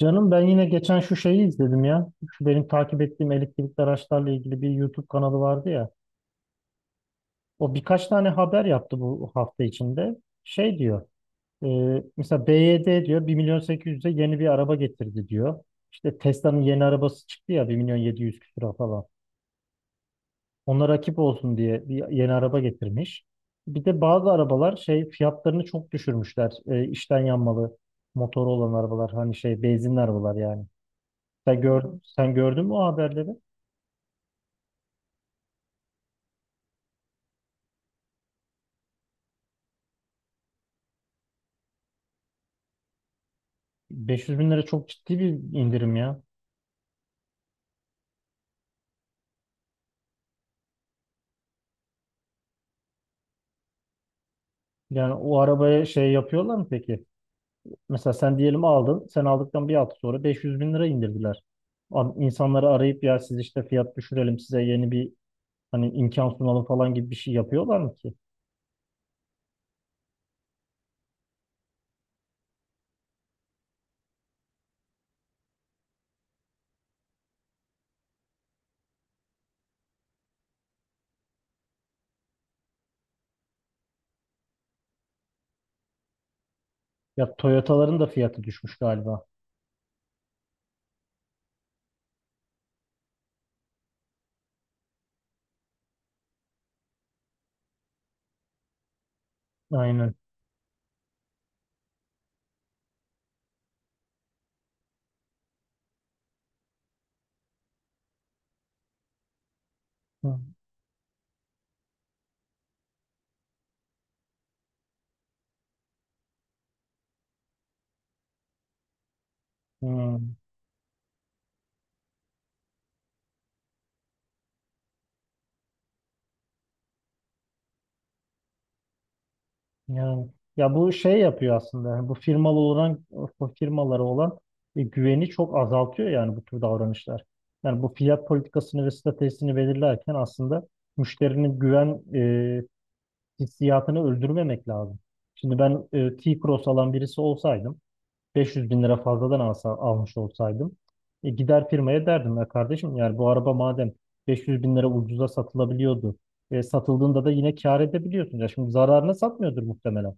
Canım ben yine geçen şu şeyi izledim ya. Şu benim takip ettiğim elektrikli araçlarla ilgili bir YouTube kanalı vardı ya. O birkaç tane haber yaptı bu hafta içinde. Şey diyor. e, Mesela BYD diyor bir milyon sekiz yüz'e yeni bir araba getirdi diyor. İşte Tesla'nın yeni arabası çıktı ya bir milyon 700 küsura falan. Ona rakip olsun diye bir yeni araba getirmiş. Bir de bazı arabalar şey fiyatlarını çok düşürmüşler. İçten yanmalı motoru olan arabalar hani şey benzinli arabalar yani. Sen gördün mü o haberleri? 500 bin lira çok ciddi bir indirim ya. Yani o arabaya şey yapıyorlar mı peki? Mesela sen diyelim aldın. Sen aldıktan bir hafta sonra 500 bin lira indirdiler. Abi İnsanları arayıp ya siz işte fiyat düşürelim size yeni bir hani imkan sunalım falan gibi bir şey yapıyorlar mı ki? Ya Toyota'ların da fiyatı düşmüş galiba. Aynen. Hı. Hı. Yani, ya bu şey yapıyor aslında. Yani bu firmalara olan güveni çok azaltıyor yani bu tür davranışlar. Yani bu fiyat politikasını ve stratejisini belirlerken aslında müşterinin güven hissiyatını öldürmemek lazım. Şimdi ben, T-Cross alan birisi olsaydım, 500 bin lira fazladan almış olsaydım, gider firmaya derdim ya kardeşim, yani bu araba madem 500 bin lira ucuza satılabiliyordu, satıldığında da yine kâr edebiliyorsun ya, şimdi zararına satmıyordur muhtemelen,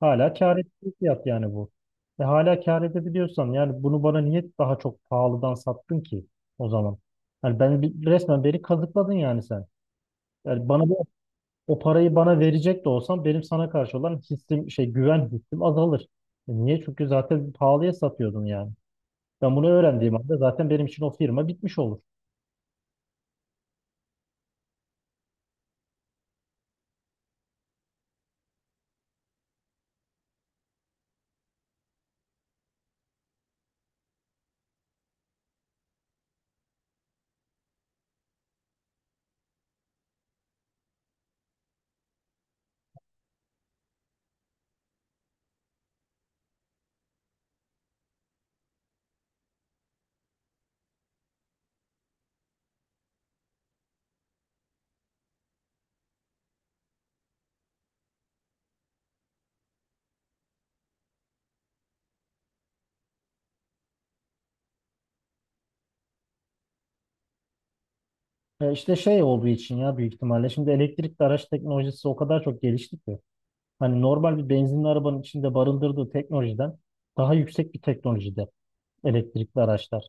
hala kâr ettiği fiyat yani bu. Hala kâr edebiliyorsan, yani bunu bana niye daha çok pahalıdan sattın ki o zaman? Yani ben resmen, beni kazıkladın yani sen, yani bana o parayı bana verecek de olsam, benim sana karşı olan hissim şey, güven hissim azalır. Niye? Çünkü zaten pahalıya satıyordun yani. Ben bunu öğrendiğim anda zaten benim için o firma bitmiş olur. İşte şey olduğu için ya, büyük ihtimalle şimdi elektrikli araç teknolojisi o kadar çok gelişti ki. Hani normal bir benzinli arabanın içinde barındırdığı teknolojiden daha yüksek bir teknolojide elektrikli araçlar.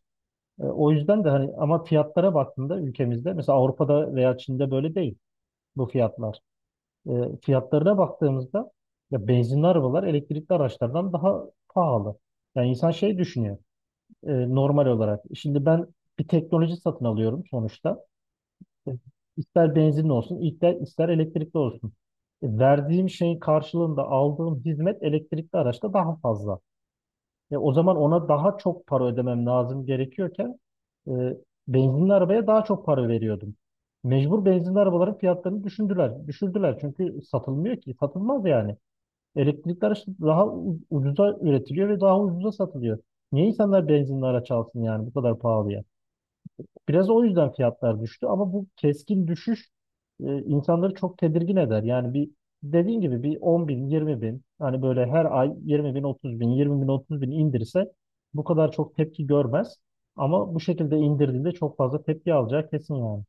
O yüzden de hani, ama fiyatlara baktığında ülkemizde, mesela Avrupa'da veya Çin'de böyle değil bu fiyatlar. E, Fiyatlarına baktığımızda ya benzinli arabalar elektrikli araçlardan daha pahalı. Yani insan şey düşünüyor normal olarak. Şimdi ben bir teknoloji satın alıyorum sonuçta. E, İster benzinli olsun, ister elektrikli olsun. Verdiğim şeyin karşılığında aldığım hizmet elektrikli araçta daha fazla. Ya o zaman ona daha çok para ödemem lazım gerekiyorken, e, benzinli arabaya daha çok para veriyordum. Mecbur benzinli arabaların fiyatlarını düşündüler. Düşürdüler çünkü satılmıyor ki. Satılmaz yani. Elektrikli araç daha ucuza üretiliyor ve daha ucuza satılıyor. Niye insanlar benzinli araç alsın yani bu kadar pahalıya? Biraz o yüzden fiyatlar düştü ama bu keskin düşüş insanları çok tedirgin eder. Yani bir, dediğin gibi, bir 10 bin, 20 bin hani böyle her ay 20 bin, 30 bin, 20 bin, 30 bin indirse bu kadar çok tepki görmez. Ama bu şekilde indirdiğinde çok fazla tepki alacağı kesin yani.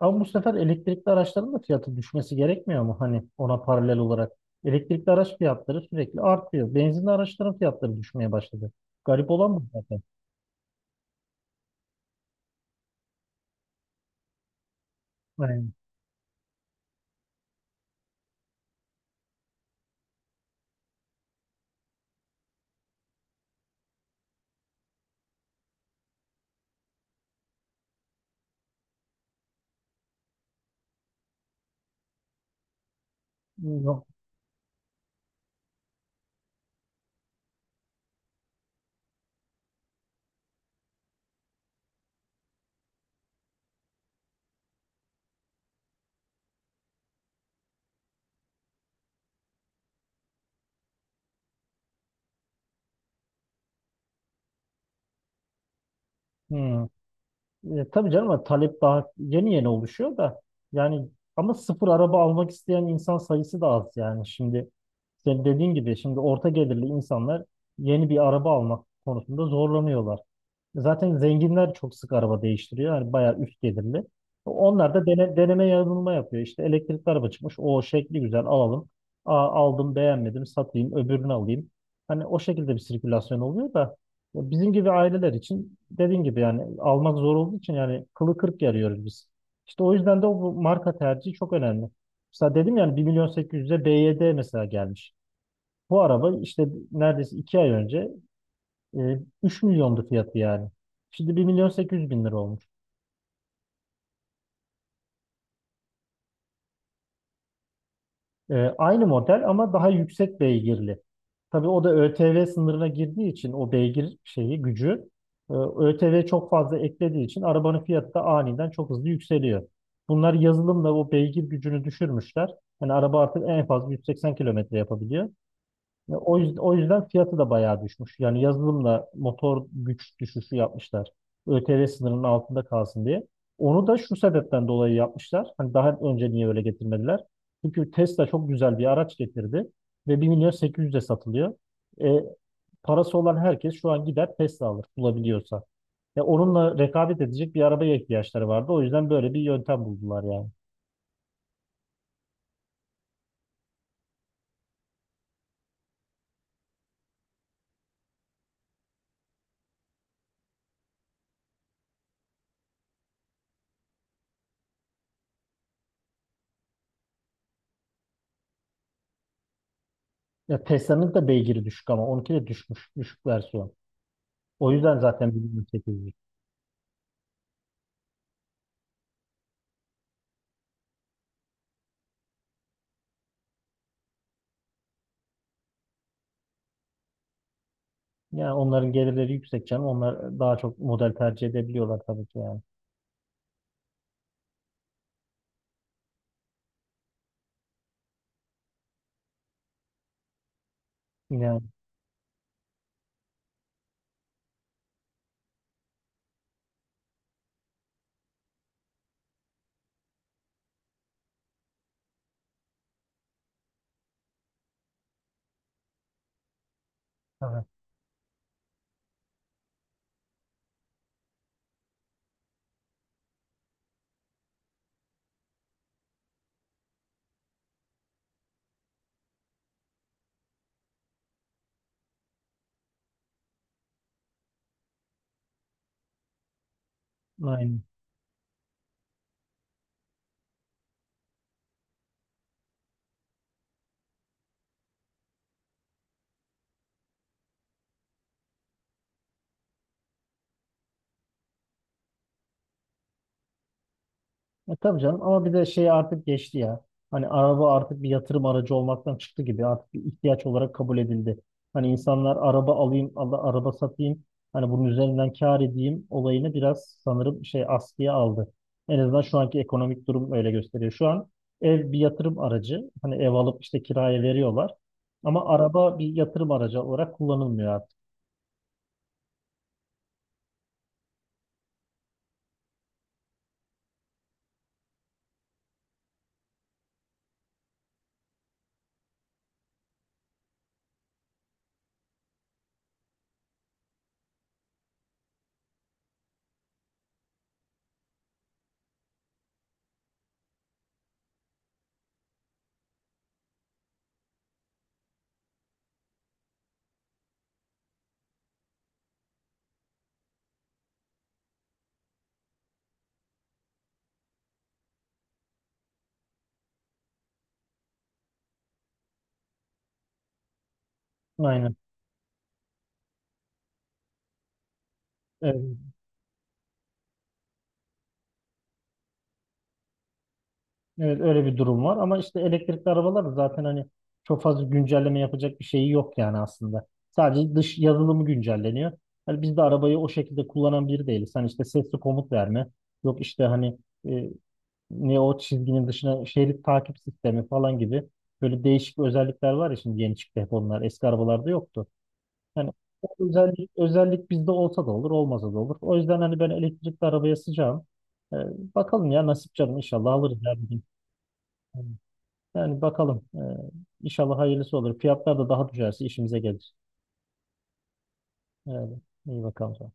Ama bu sefer elektrikli araçların da fiyatı düşmesi gerekmiyor mu? Hani ona paralel olarak. Elektrikli araç fiyatları sürekli artıyor. Benzinli araçların fiyatları düşmeye başladı. Garip olan bu zaten. Yani, yok. Hmm. Tabii canım, ama talep daha yeni yeni oluşuyor da yani. Ama sıfır araba almak isteyen insan sayısı da az yani. Şimdi senin dediğin gibi, şimdi orta gelirli insanlar yeni bir araba almak konusunda zorlanıyorlar. Zaten zenginler çok sık araba değiştiriyor. Yani bayağı üst gelirli. Onlar da deneme yanılma yapıyor. İşte elektrikli araba çıkmış. O şekli güzel alalım. Aa, aldım beğenmedim, satayım öbürünü alayım. Hani o şekilde bir sirkülasyon oluyor da, ya bizim gibi aileler için dediğin gibi yani almak zor olduğu için, yani kılı kırk yarıyoruz biz. İşte o yüzden de bu marka tercihi çok önemli. Mesela dedim yani, bir milyon 800'e BYD mesela gelmiş. Bu araba işte neredeyse 2 ay önce e, 3 milyondu fiyatı yani. Şimdi 1 milyon 800 bin lira olmuş. Aynı model ama daha yüksek beygirli. Tabii o da ÖTV sınırına girdiği için, o beygir şeyi, gücü, ÖTV çok fazla eklediği için arabanın fiyatı da aniden çok hızlı yükseliyor. Bunlar yazılımla o beygir gücünü düşürmüşler. Yani araba artık en fazla 180 kilometre yapabiliyor. Ya o yüzden fiyatı da bayağı düşmüş. Yani yazılımla motor güç düşüşü yapmışlar. ÖTV sınırının altında kalsın diye. Onu da şu sebepten dolayı yapmışlar. Hani daha önce niye öyle getirmediler? Çünkü Tesla çok güzel bir araç getirdi ve bir milyon 800'e satılıyor. E, Parası olan herkes şu an gider Tesla alır bulabiliyorsa. Ya onunla rekabet edecek bir arabaya ihtiyaçları vardı. O yüzden böyle bir yöntem buldular yani. Ya Tesla'nın da beygiri düşük, ama onunki de düşmüş, düşük versiyon. O yüzden zaten bir milyon sekiz. Yani onların gelirleri yüksek canım. Onlar daha çok model tercih edebiliyorlar tabii ki yani. Yine tabii. Aynen. Tabii canım, ama bir de şey, artık geçti ya. Hani araba artık bir yatırım aracı olmaktan çıktı gibi. Artık bir ihtiyaç olarak kabul edildi. Hani insanlar araba alayım, Allah araba satayım, hani bunun üzerinden kâr edeyim olayını biraz sanırım şey askıya aldı. En azından şu anki ekonomik durum öyle gösteriyor. Şu an ev bir yatırım aracı. Hani ev alıp işte kiraya veriyorlar. Ama araba bir yatırım aracı olarak kullanılmıyor artık. Aynen. Evet, evet, öyle bir durum var, ama işte elektrikli arabalar da zaten hani çok fazla güncelleme yapacak bir şeyi yok yani aslında. Sadece dış yazılımı güncelleniyor. Hani biz de arabayı o şekilde kullanan biri değiliz. Hani işte sesli komut verme, yok işte hani, e, ne, o çizginin dışına, şerit takip sistemi falan gibi böyle değişik özellikler var ya, şimdi yeni çıktı hep onlar. Eski arabalarda yoktu. Hani o özellik bizde olsa da olur, olmasa da olur. O yüzden hani ben elektrikli arabaya sıcağım. Ee, Bakalım ya, nasip canım, inşallah alırız ya bir gün. Yani yani bakalım. İnşallah hayırlısı olur. Fiyatlar da daha düşerse işimize gelir. Yani iyi bakalım.